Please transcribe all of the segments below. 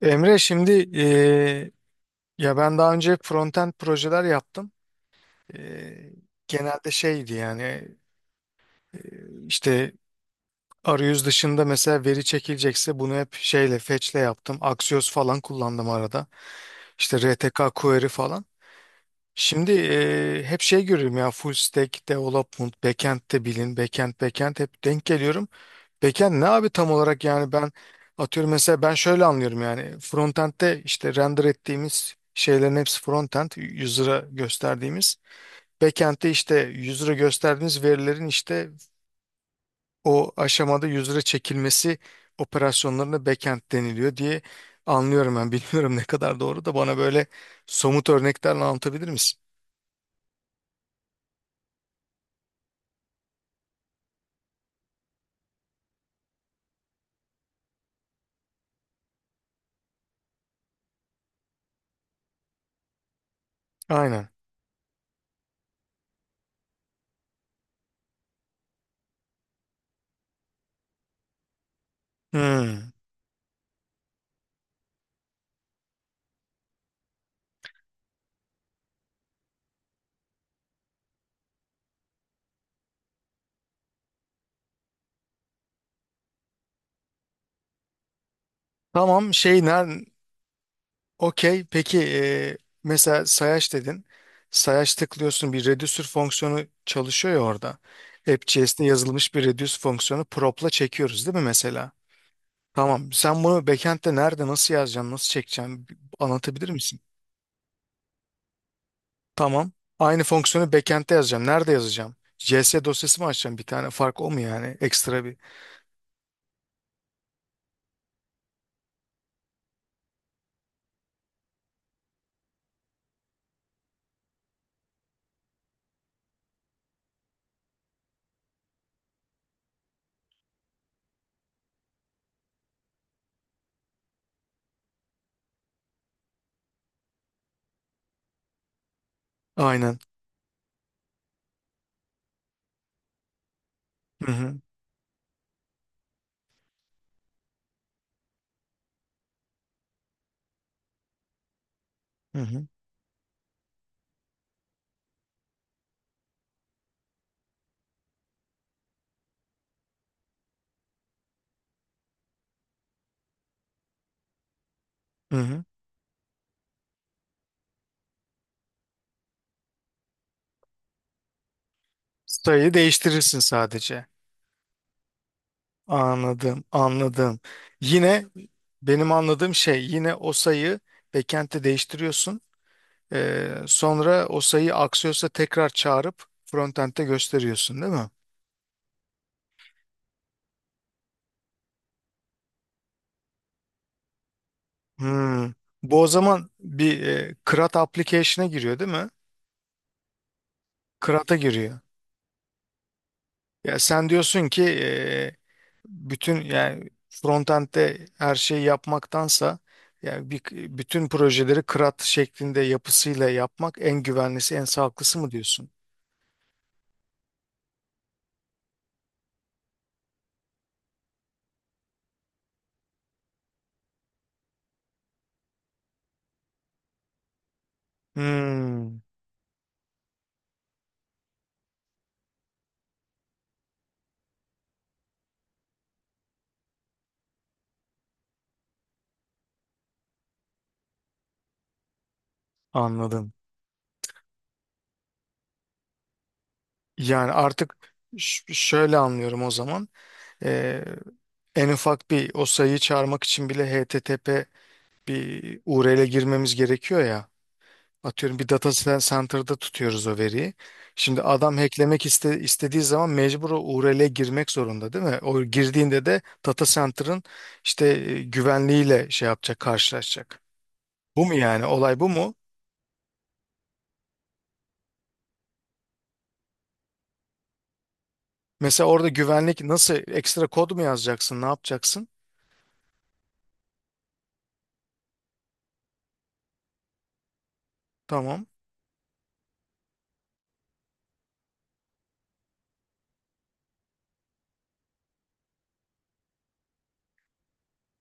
Emre şimdi ya ben daha önce frontend projeler yaptım. Eee, genelde şeydi yani işte arayüz dışında mesela veri çekilecekse bunu hep şeyle fetch'le yaptım. Axios falan kullandım arada. İşte RTK query falan. Şimdi hep şey görüyorum ya full stack development, backend de bilin, backend backend hep denk geliyorum. Backend ne abi tam olarak yani ben atıyorum mesela ben şöyle anlıyorum yani frontend'de işte render ettiğimiz şeylerin hepsi frontend user'a gösterdiğimiz backend'de işte user'a gösterdiğimiz verilerin işte o aşamada user'a çekilmesi operasyonlarına backend deniliyor diye anlıyorum ben bilmiyorum ne kadar doğru da bana böyle somut örneklerle anlatabilir misin? Aynen. Hmm. Tamam şey nerede? Okey. Peki mesela sayaç dedin. Sayaç tıklıyorsun bir reducer fonksiyonu çalışıyor ya orada. App.js'te yazılmış bir reduce fonksiyonu prop'la çekiyoruz değil mi mesela? Tamam. Sen bunu backend'de nerede nasıl yazacaksın, nasıl çekeceksin bir anlatabilir misin? Tamam. Aynı fonksiyonu backend'de yazacağım. Nerede yazacağım? JS dosyası mı açacağım bir tane? Fark o mu yani? Ekstra bir. Aynen. Hı hı. Hı hı. Hı hı. Sayıyı değiştirirsin sadece. Anladım, anladım. Yine benim anladığım şey yine o sayı backend'te değiştiriyorsun. Sonra o sayı Axios'a tekrar çağırıp frontend'de gösteriyorsun değil mi? Hmm. Bu o zaman bir CRUD application'a giriyor değil mi? CRUD'a giriyor. Ya sen diyorsun ki bütün yani frontend'de her şeyi yapmaktansa yani bir, bütün projeleri CRUD şeklinde yapısıyla yapmak en güvenlisi, en sağlıklısı mı diyorsun? Hmm, anladım. Yani artık şöyle anlıyorum o zaman. Ee, en ufak bir o sayıyı çağırmak için bile HTTP bir URL'e girmemiz gerekiyor ya. Atıyorum bir data center'da tutuyoruz o veriyi. Şimdi adam hacklemek istediği zaman mecbur o URL'e girmek zorunda değil mi? O girdiğinde de data center'ın işte güvenliğiyle şey yapacak, karşılaşacak. Bu mu yani? Olay bu mu? Mesela orada güvenlik nasıl ekstra kod mu yazacaksın, ne yapacaksın? Tamam.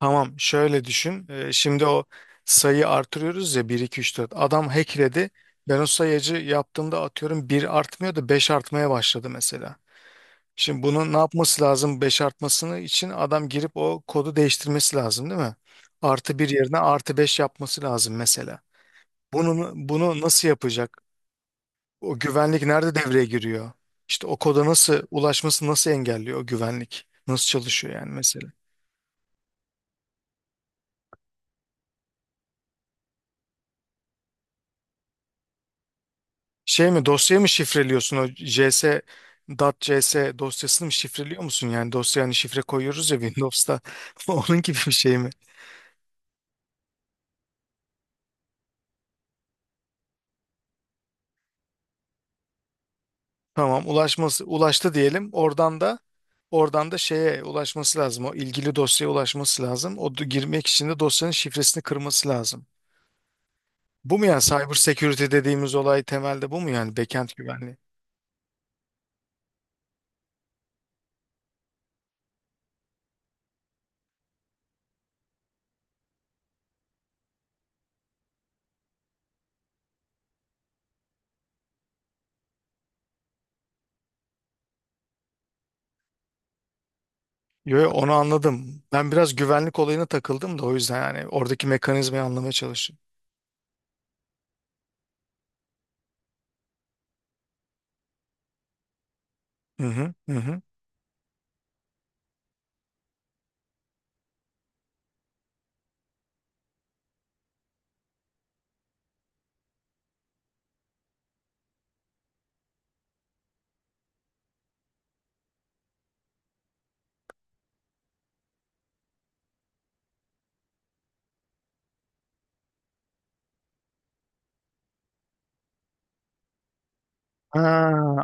Tamam şöyle düşün. Şimdi o sayı artırıyoruz ya bir 2 3 4. Adam hackledi. Ben o sayacı yaptığımda atıyorum bir artmıyor da 5 artmaya başladı mesela. Şimdi bunun ne yapması lazım 5 artmasını için adam girip o kodu değiştirmesi lazım değil mi? Artı bir yerine artı 5 yapması lazım mesela. Bunu nasıl yapacak? O güvenlik nerede devreye giriyor? İşte o koda nasıl ulaşması nasıl engelliyor o güvenlik? Nasıl çalışıyor yani mesela? Şey mi dosyayı mı şifreliyorsun o CS .dot .cs dosyasını mı şifreliyor musun yani dosya hani şifre koyuyoruz ya Windows'ta onun gibi bir şey mi? Tamam ulaşması ulaştı diyelim oradan da oradan da şeye ulaşması lazım o ilgili dosyaya ulaşması lazım o girmek için de dosyanın şifresini kırması lazım. Bu mu yani cyber security dediğimiz olay temelde bu mu yani backend güvenliği? Yo, yo, onu anladım. Ben biraz güvenlik olayına takıldım da o yüzden yani oradaki mekanizmayı anlamaya çalışıyorum. Hı hı, hı hı. Ha,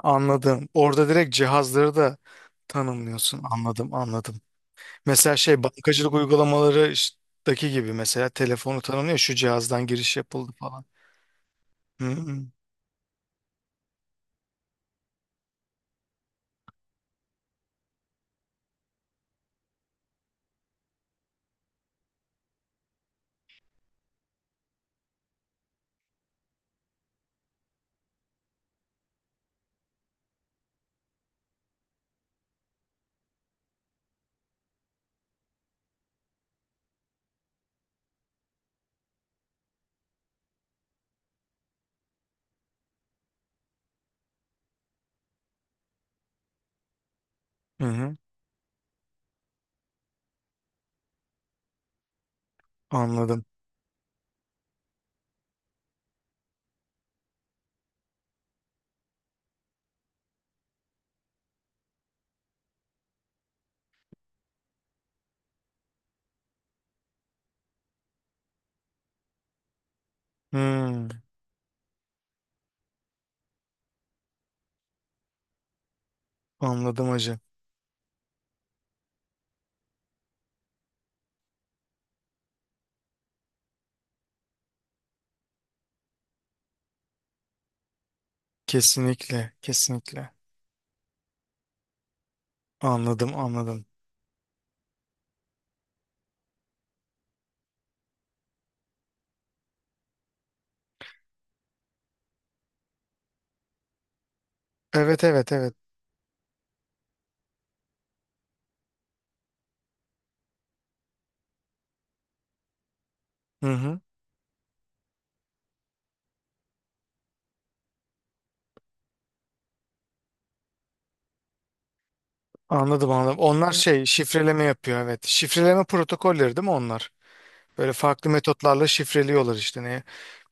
anladım. Orada direkt cihazları da tanımlıyorsun. Anladım, anladım. Mesela şey bankacılık uygulamaları gibi mesela telefonu tanımlıyor. Şu cihazdan giriş yapıldı falan. Hı hı. Hı hı. Anladım. Hı, anladım hacı. Kesinlikle, kesinlikle. Anladım, anladım. Evet, evet, evet. Hı hı. Anladım, anladım. Onlar şey şifreleme yapıyor evet. Şifreleme protokolleri değil mi onlar? Böyle farklı metotlarla şifreliyorlar işte neye.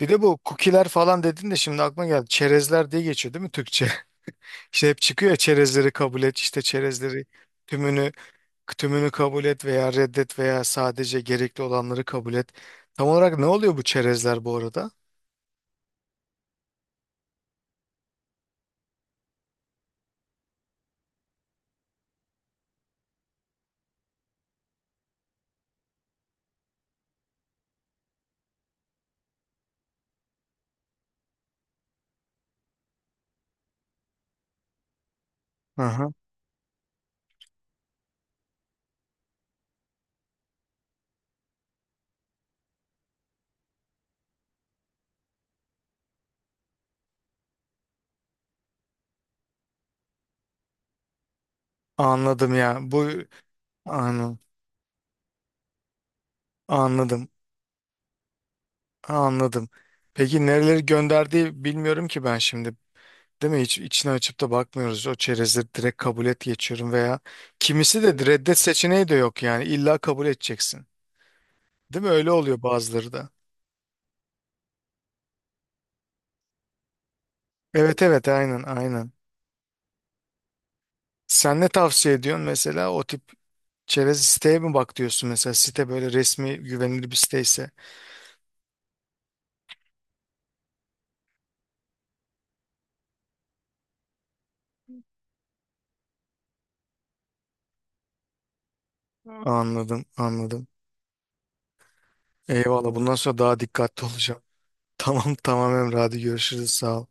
Bir de bu cookie'ler falan dedin de şimdi aklıma geldi. Çerezler diye geçiyor değil mi Türkçe? İşte hep çıkıyor ya çerezleri kabul et, işte çerezleri tümünü Tümünü kabul et veya reddet veya sadece gerekli olanları kabul et. Tam olarak ne oluyor bu çerezler bu arada? Aha. Anladım ya. Bu anladım. Anladım. Ha, anladım. Peki nereleri gönderdiği bilmiyorum ki ben şimdi. Değil mi? Hiç içine açıp da bakmıyoruz. O çerezleri direkt kabul et geçiyorum veya kimisi de reddet seçeneği de yok yani. İlla kabul edeceksin. Değil mi? Öyle oluyor bazıları da. Evet evet aynen aynen. Sen ne tavsiye ediyorsun mesela o tip çerez siteye mi bak diyorsun mesela site böyle resmi güvenilir bir siteyse. Anladım anladım. Eyvallah bundan sonra daha dikkatli olacağım. Tamam tamam Emre hadi görüşürüz sağ ol.